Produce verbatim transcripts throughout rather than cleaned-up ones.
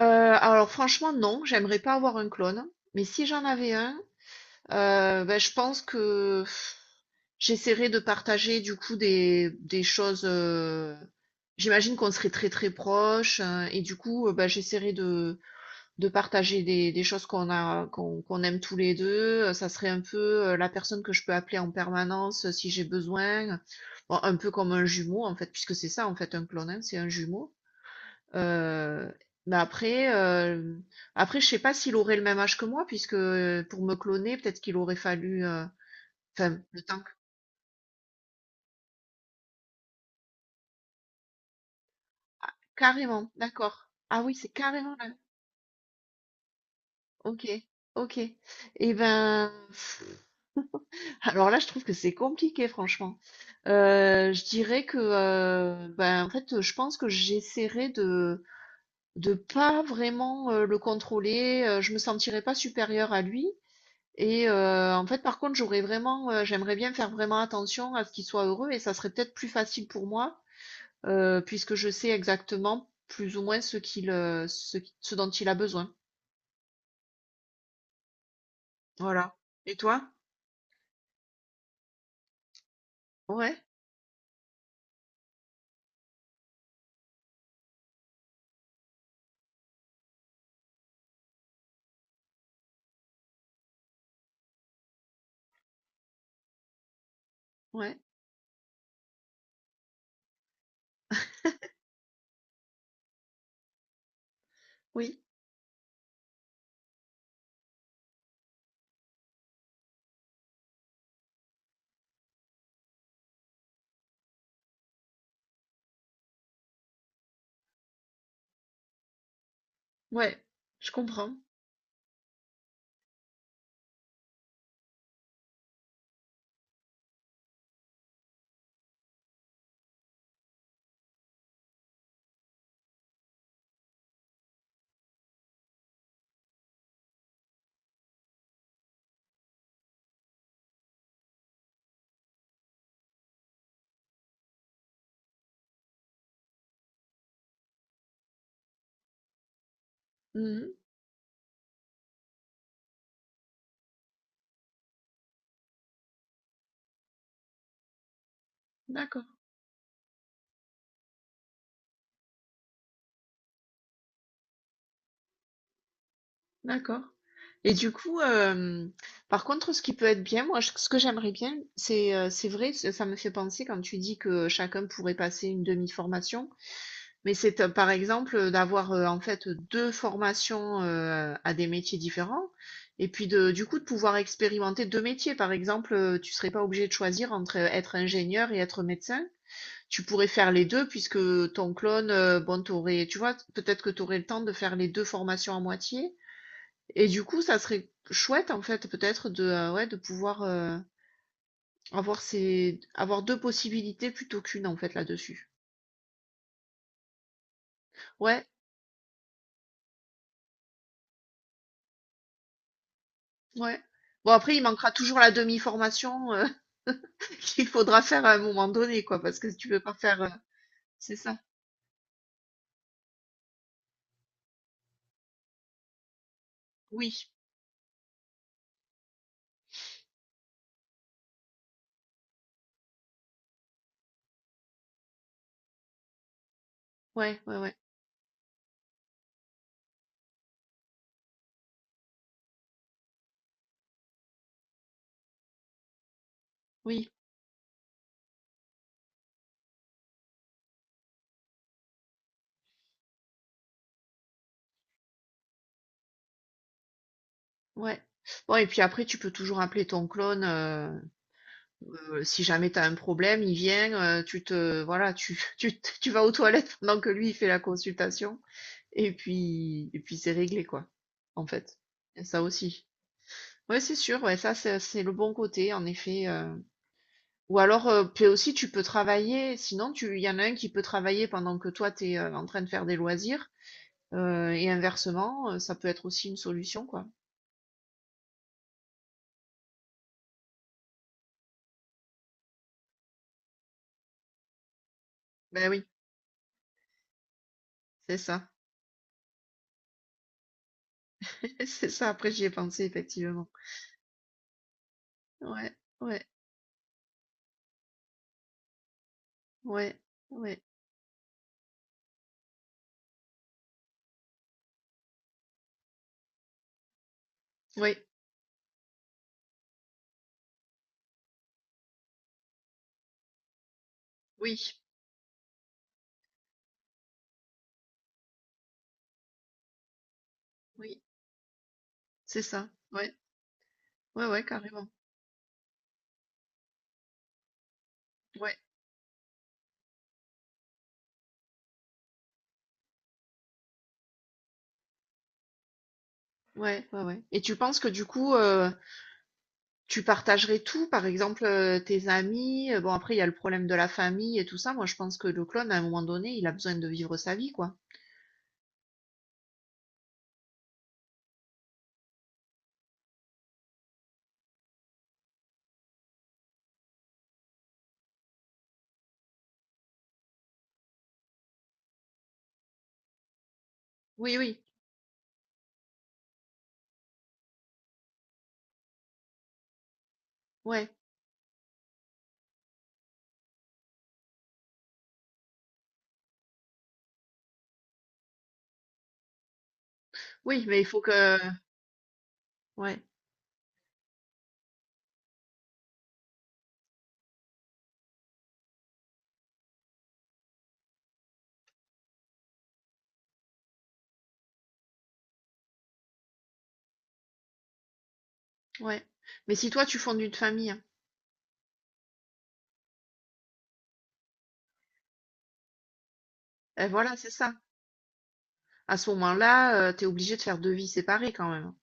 Heu, alors franchement non, j'aimerais pas avoir un clone, mais si j'en avais un, heu, bah, je pense que pff, j'essaierais de partager du coup des des choses, heu, j'imagine qu'on serait très, très proches, heu, et du coup, heu, bah, j'essaierais de de partager des des choses qu'on a qu'on qu'on aime tous les deux. Heu, ça serait un peu, heu, la personne que je peux appeler en permanence, heu, si j'ai besoin, bon un peu comme un jumeau en fait, puisque c'est ça en fait un clone, hein, c'est un jumeau. Heu, mais après, hem, après je sais pas s'il aurait le même âge que moi puisque, heu, pour me cloner, peut-être qu'il aurait fallu, heu, enfin le temps q carrément, d'accord. Ah oui, c'est carrément là. OK. OK, et ben, alors là, je trouve que c'est compliqué franchement. Heu, je dirais que, heu, ben, en fait, je pense que j'essaierais de de pas vraiment, heu, le contrôler. Heu, je me sentirais pas supérieure à lui. Et heu, en fait, par contre, j'aurais vraiment, heu, j'aimerais bien faire vraiment attention à ce qu'il soit heureux et ça serait peut-être plus facile pour moi, heu, puisque je sais exactement plus ou moins ce qu'il, heu, ce qui ce dont il a besoin. Voilà. Et toi? Ouais, ouais, oui, ouais, je comprends. Mmh. D'accord, d'accord. Et du coup, hem, par contre, ce qui peut être bien, moi, j ce que j'aimerais bien, c'est, heu, c'est vrai, ça ça me fait penser quand tu dis que chacun pourrait passer une demi-formation. Mais c'est, heu, par exemple, euh, d'avoir, heu, en fait, deux formations, heu, à des métiers différents et puis de du coup, de pouvoir expérimenter deux métiers. Par exemple, heu, tu serais pas obligé de choisir entre, heu, être ingénieur et être médecin. Tu pourrais faire les deux puisque ton clone, heu, bon, tu aurais tu vois? Peut-être que tu aurais le temps de faire les deux formations à moitié et du coup, ça serait chouette, en fait, peut-être de, heu, ouais, de pouvoir, heu, avoir ces avoir deux possibilités plutôt qu'une en fait, là-dessus. Ouais. Ouais. Bon après, il manquera toujours la demi-formation euh, qu'il faudra faire à un moment donné, quoi, parce que si tu peux pas faire. euh, C'est ça. Oui. Ouais, ouais, ouais. Oui. Ouais. Bon, et puis après, tu peux toujours appeler ton clone euh, euh, si jamais tu as un problème, il vient, euh, tu te voilà, tu, tu, te- tu vas aux toilettes pendant que lui il fait la consultation, et puis et puis c'est réglé, quoi, en fait. Et ça aussi. Ouais, c'est sûr, ouais, ça c'est c'est le bon côté, en effet. euh, Ou alors, heu, puis aussi tu peux travailler sinon tu il y en a un qui peut travailler pendant que toi tu es en train de faire des loisirs, heu et inversement, heu, ça peut être aussi une solution, quoi. Ben oui, c'est ça. C'est ça, après j'y ai pensé effectivement. Ouais, ouais, ouais, ouais, oui, oui, oui, c'est ça. Ouais, ouais, ouais, carrément. Ouais, ouais, ouais, ouais, et tu penses que du coup, heu, tu partagerais tout? Par exemple, heu, tes amis, heu, bon après il y a le problème de la famille et tout ça. Moi je pense que le clone à un moment donné, il a besoin de vivre sa vie, quoi. Oui, oui, ouais. Oui, mais il faut que. Ouais, ouais. Mais si toi, tu fondes une famille, hein, eh, voilà, c'est ça. À ce moment-là, tu es obligé de faire deux vies séparées quand même, hein.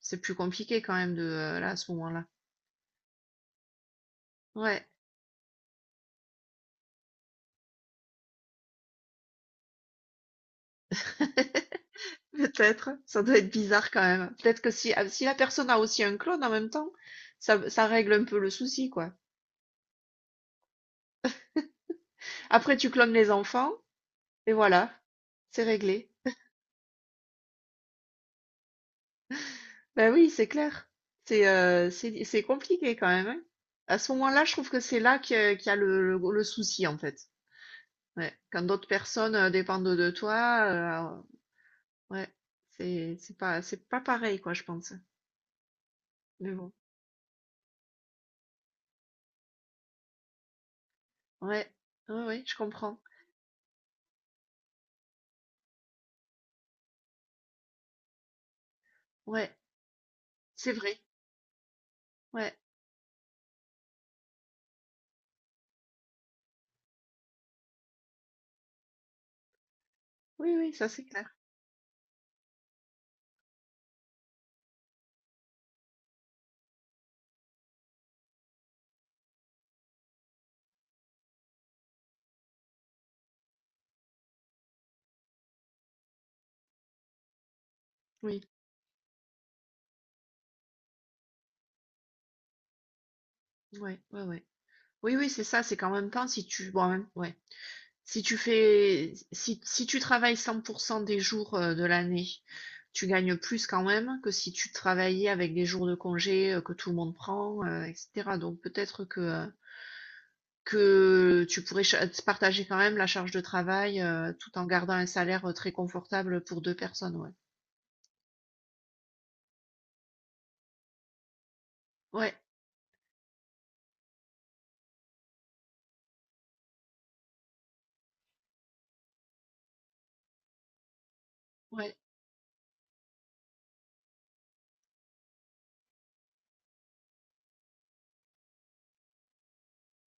C'est plus compliqué quand même de euh, là à ce moment-là. Ouais, peut-être. Ça doit être bizarre quand même. Peut-être que si, ah, si la personne a aussi un clone en même temps, ça, ça règle un peu le souci, quoi. Après, tu clones les enfants, et voilà, c'est réglé. Ben oui, c'est clair. C'est euh, c'est c'est compliqué quand même, hein. À ce moment-là, je trouve que c'est là que- qu'il y a le, le, le souci en fait. Ouais. Quand d'autres personnes euh, dépendent de toi, euh, ouais, c'est c'est pas c'est pas pareil quoi, je pense. Mais bon, ouais, ouais, ouais, je comprends. Ouais, c'est vrai. Ouais, oui, oui, ça c'est clair. Oui, ouais, ouais, ouais. Oui, oui, c'est ça. C'est qu'en même temps, si tu, bon, en même- ouais. Si tu fais, si, si tu travailles cent pour cent des jours euh, de l'année, tu gagnes plus quand même que si tu travaillais avec des jours de congé euh, que tout le monde prend, euh, et cetera. Donc peut-être que, euh, que tu pourrais cha- partager quand même la charge de travail euh, tout en gardant un salaire euh, très confortable pour deux personnes. Ouais, ouais, ouais.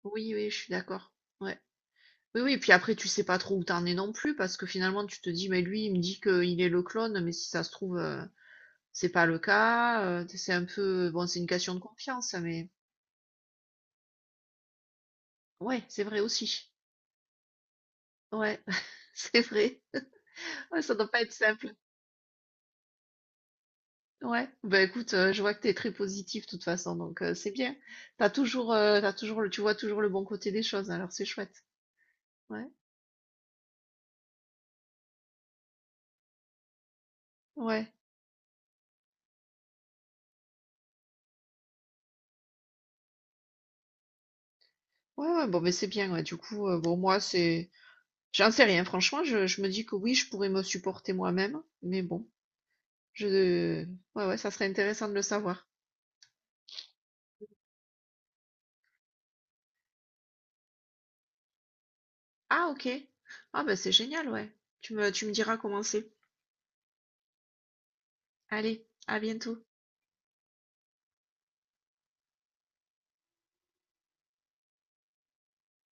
Oui, oui, je suis d'accord. Ouais. Oui, oui, puis après, tu sais pas trop où t'en es non plus, parce que finalement, tu te dis, mais lui, il me dit qu'il est le clone, mais si ça se trouve, euh, c'est pas le cas, heu, c'est un peu bon, c'est une question de confiance, mais ouais, c'est vrai aussi. Ouais, c'est vrai. Ouais, ça doit pas être simple. Ouais. Ben écoute, heu, je vois que t'es très positif de toute façon, donc heu, c'est bien. T'as toujours, heu, tu toujours le tu vois toujours le bon côté des choses, alors c'est chouette. Ouais. Ouais. Ouais, ouais, bon, mais c'est bien, ouais, du coup, heu, bon, moi, c'est j'en sais rien, franchement, je je me dis que oui, je pourrais me supporter moi-même, mais bon, je ouais, ouais, ça serait intéressant de le savoir. Ah OK. Ah bah c'est génial, ouais. Tu me tu me diras comment c'est. Allez, à bientôt.